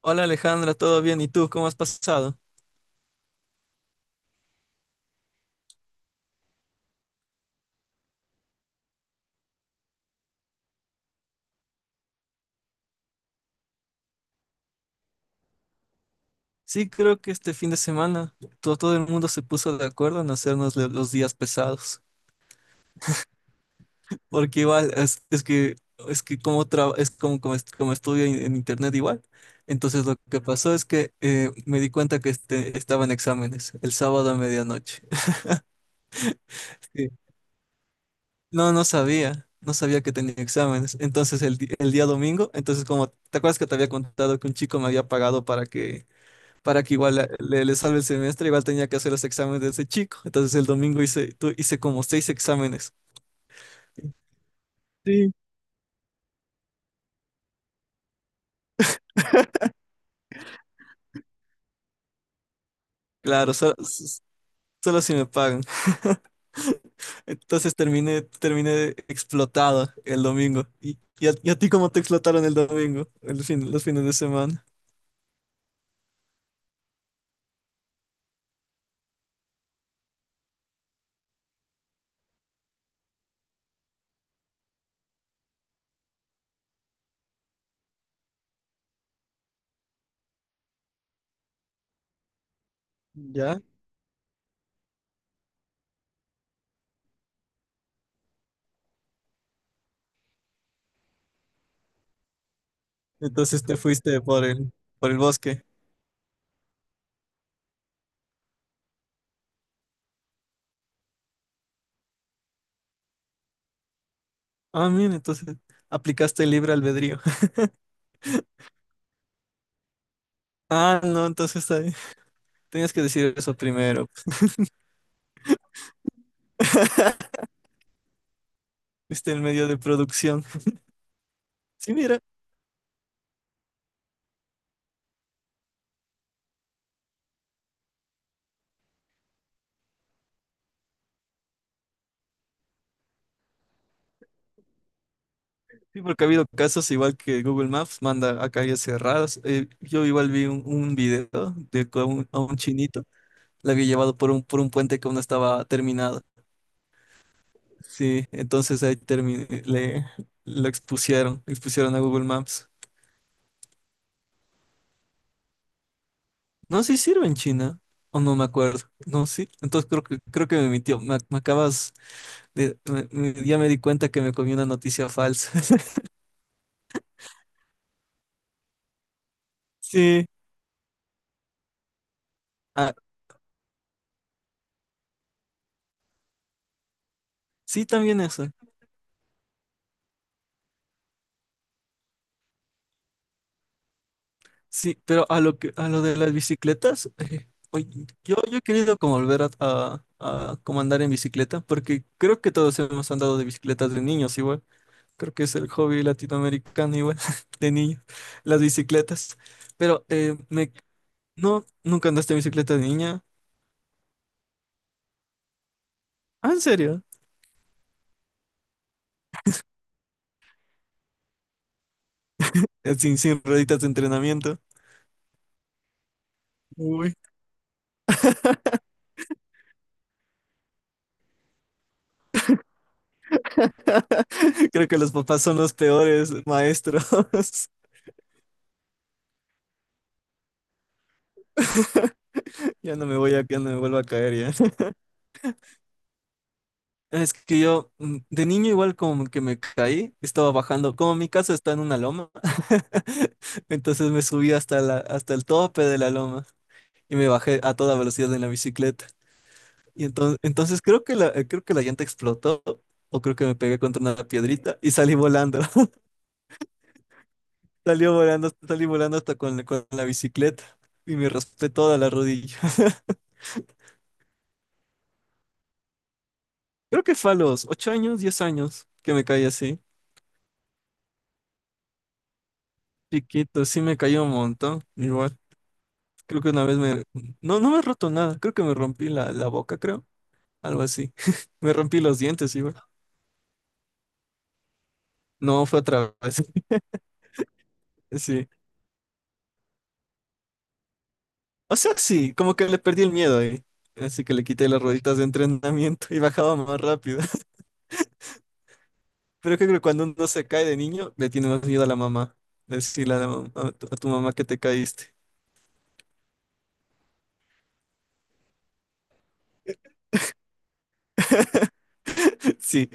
Hola Alejandra, ¿todo bien? ¿Y tú cómo has pasado? Sí, creo que este fin de semana todo, el mundo se puso de acuerdo en hacernos los días pesados, porque igual es que es como, como estudio en internet igual. Entonces lo que pasó es que me di cuenta que estaba en exámenes el sábado a medianoche. Sí. No, no sabía, que tenía exámenes. Entonces el día domingo, entonces como, ¿te acuerdas que te había contado que un chico me había pagado para que igual le salve el semestre, igual tenía que hacer los exámenes de ese chico? Entonces el domingo hice como seis exámenes. Sí. Claro, solo si me pagan. Entonces terminé explotado el domingo. ¿Y a ti cómo te explotaron el domingo, el fin, los fines de semana? ¿Ya? Entonces te fuiste por el bosque. Ah, mira, entonces aplicaste el libre albedrío. Ah, no, entonces ahí, tenías que decir eso primero. Viste el medio de producción. Sí, mira. Sí, porque ha habido casos igual que Google Maps manda a calles cerradas. Yo igual vi un video de que a un chinito le había llevado por un puente que aún no estaba terminado. Sí, entonces ahí lo expusieron a Google Maps. No, sí sirve en China, o no me acuerdo. No, sí, entonces creo que me mintió. Me acabas ya me di cuenta que me comí una noticia falsa. Sí, ah, sí, también eso. Sí, pero a lo que, a lo de las bicicletas, oye, yo he querido como volver a como andar en bicicleta, porque creo que todos hemos andado de bicicletas de niños igual. Creo que es el hobby latinoamericano igual, de niños, las bicicletas. Pero no, nunca andaste en bicicleta de niña. Ah, ¿en serio? Sin rueditas de entrenamiento. Uy. Creo que los papás son los peores maestros. Ya no me voy a, ya no me vuelvo a caer ya. Es que yo de niño igual como que me caí, estaba bajando, como mi casa está en una loma. Entonces me subí hasta la, hasta el tope de la loma y me bajé a toda velocidad en la bicicleta. Y entonces creo que creo que la llanta explotó o creo que me pegué contra una piedrita y salí volando. Salió volando, salí volando hasta con la bicicleta y me raspé toda la rodilla. Creo que fue a los 8 años, 10 años que me caí así, chiquito. Sí, me cayó un montón, igual. Creo que una vez me... No, no me he roto nada. Creo que me rompí la boca, creo. Algo así. Me rompí los dientes igual. No, fue otra vez. Sí. O sea, sí, como que le perdí el miedo ahí. Así que le quité las rueditas de entrenamiento y bajaba más rápido. Pero creo que cuando uno se cae de niño, le tiene más miedo a la mamá. Decirle a, la mam- a tu mamá que te caíste. Sí.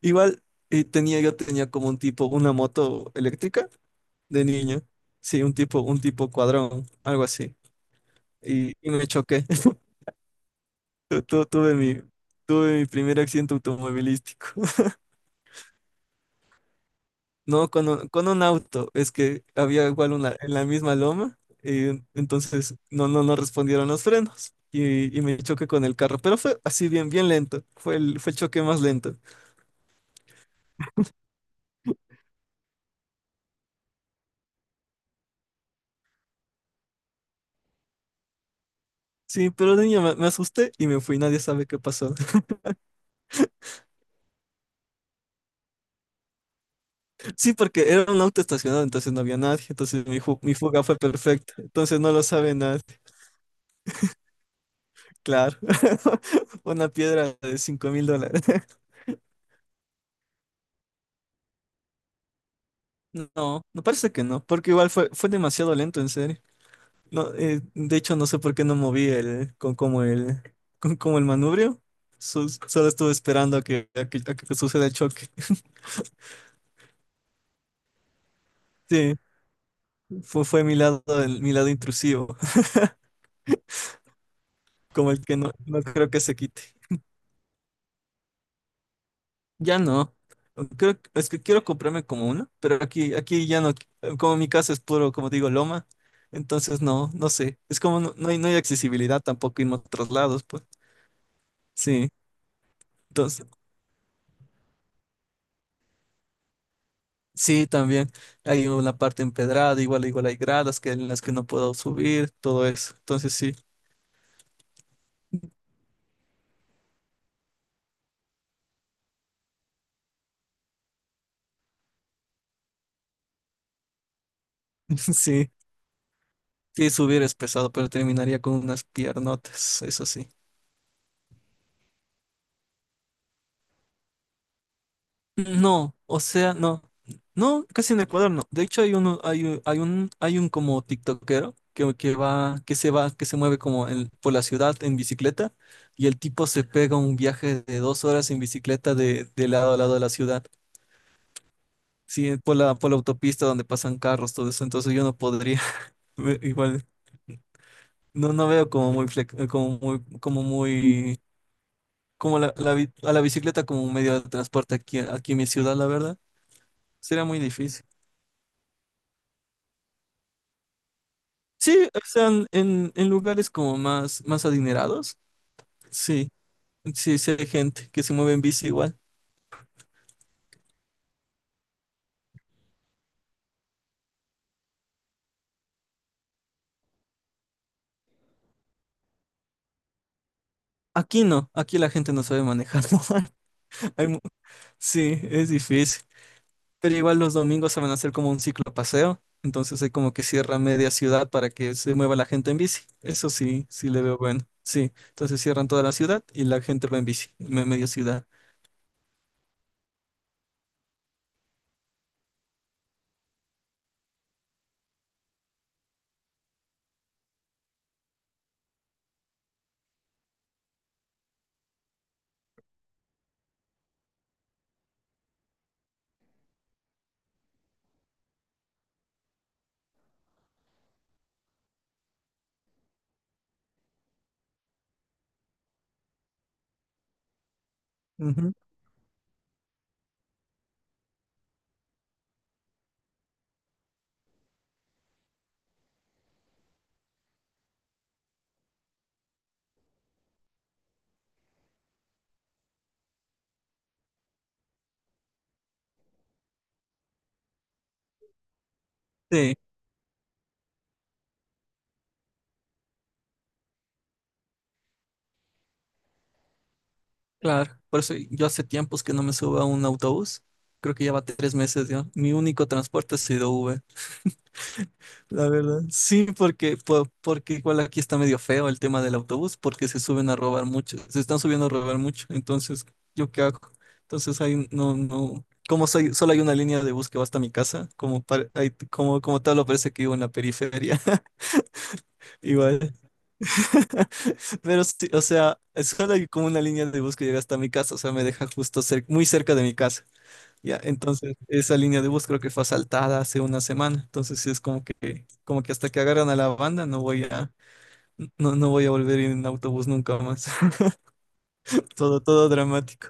Igual yo tenía como un tipo, una moto eléctrica de niño. Sí, un tipo cuadrón, algo así. Y me choqué. Tu- tu- Tuve mi, tuve mi primer accidente automovilístico. No, con un auto. Es que había igual una en la misma loma. Y entonces no respondieron los frenos. Y me choqué con el carro. Pero fue así bien, bien lento. Fue el choque más lento. Sí, pero de niño me asusté y me fui. Nadie sabe qué pasó. Sí, porque era un auto estacionado, entonces no había nadie. Entonces mi fuga fue perfecta. Entonces no lo sabe nadie. Claro. Una piedra de $5.000. No, no parece que no, porque igual fue demasiado lento, en serio. No, de hecho, no sé por qué no moví el, con como el, con como el manubrio. Solo estuve esperando a que suceda el choque. Sí, fue mi lado intrusivo, como el que no creo que se quite. Ya no. Es que quiero comprarme como uno, pero aquí ya no, como mi casa es puro, como digo, loma, entonces no sé. Es como no, no hay accesibilidad tampoco en otros lados, pues. Sí, entonces sí, también hay una parte empedrada, igual hay gradas que en las que no puedo subir, todo eso. Entonces sí. Sí, sí subir es pesado, pero terminaría con unas piernotas, eso sí. No, o sea, no, no, casi en Ecuador no. De hecho hay uno, hay, un- hay un, hay un como tiktokero que, que se mueve como por la ciudad en bicicleta y el tipo se pega un viaje de 2 horas en bicicleta de lado a lado de la ciudad. Sí, por la autopista donde pasan carros, todo eso, entonces yo no podría. Igual, no veo como muy, como muy, como la bi- a la bicicleta como un medio de transporte aquí en mi ciudad, la verdad, sería muy difícil. Sí, o están en, en lugares como más, más adinerados, sí, sí, sí hay gente que se mueve en bici igual. Aquí no, aquí la gente no sabe manejar. Hay mu- sí, es difícil. Pero igual los domingos se van a hacer como un ciclo paseo, entonces hay como que cierra media ciudad para que se mueva la gente en bici. Eso sí, sí le veo bueno. Sí, entonces cierran toda la ciudad y la gente va en bici, media ciudad. Ujú. Sí, claro. Por eso yo hace tiempos que no me subo a un autobús. Creo que ya va 3 meses ya. Mi único transporte ha sido Uber. La verdad. Sí, porque igual aquí está medio feo el tema del autobús, porque se suben a robar mucho, se están subiendo a robar mucho. Entonces, ¿yo qué hago? Entonces ahí no, no. Solo hay una línea de bus que va hasta mi casa, como tal, lo parece que vivo en la periferia. Igual. Pero sí, o sea, es solo hay como una línea de bus que llega hasta mi casa, o sea, me deja justo muy cerca de mi casa. Ya, entonces esa línea de bus creo que fue asaltada hace una semana, entonces sí es como que hasta que agarran a la banda no voy a volver en autobús nunca más. Todo, todo dramático.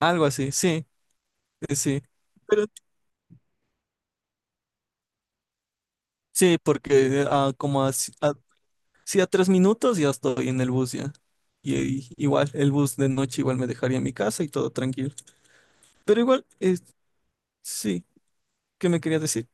Algo así, sí, sí. Pero sí, porque como a, si- a- sí, a 3 minutos ya estoy en el bus ya. Y igual, el bus de noche igual me dejaría en mi casa y todo tranquilo. Pero igual, sí, ¿qué me quería decir?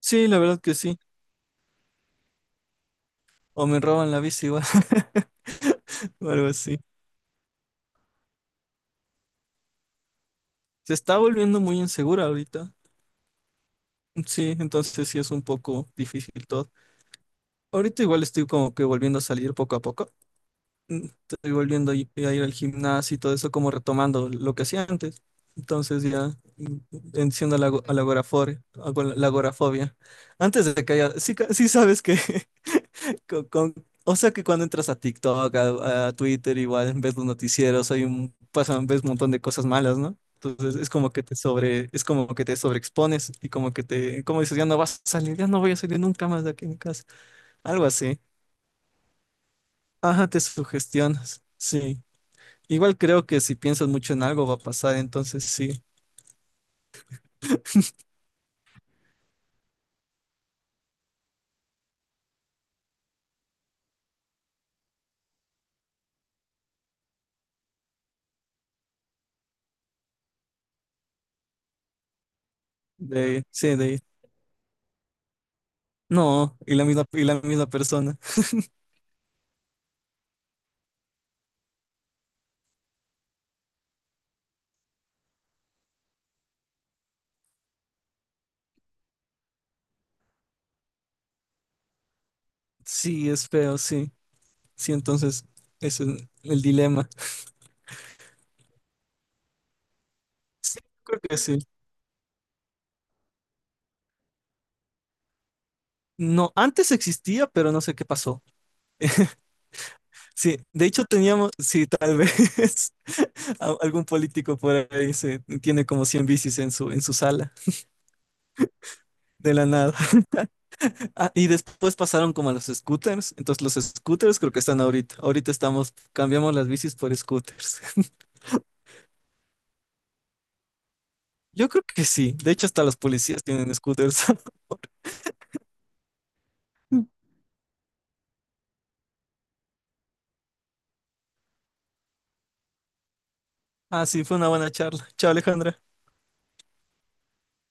Sí, la verdad que sí. O me roban la bici igual, o algo así. Se está volviendo muy insegura ahorita. Sí, entonces sí es un poco difícil todo. Ahorita igual estoy como que volviendo a salir poco a poco. Estoy volviendo a ir al gimnasio y todo eso, como retomando lo que hacía antes. Entonces ya venciendo a la agorafobia. Antes de que haya... Sí, sí sabes que con- con- o sea que cuando entras a TikTok, a Twitter, igual ves los noticieros, ves un montón de cosas malas, ¿no? Entonces es como que te sobreexpones y como que como dices, ya no vas a salir, ya no voy a salir nunca más de aquí en mi casa. Algo así. Ajá, te sugestionas. Sí. Igual creo que si piensas mucho en algo va a pasar, entonces sí. De, ahí, sí, de, ahí. No, y la misma persona. Sí, es feo, sí. Sí, entonces ese es el dilema. Sí, creo que sí. No, antes existía, pero no sé qué pasó. Sí, de hecho teníamos, sí, tal vez algún político por ahí se tiene como 100 bicis en su sala, de la nada. Ah, y después pasaron como a los scooters, entonces los scooters creo que están ahorita. Ahorita estamos, cambiamos las bicis por scooters. Yo creo que sí, de hecho hasta los policías tienen scooters. Ah, sí, fue una buena charla. Chao, Alejandra.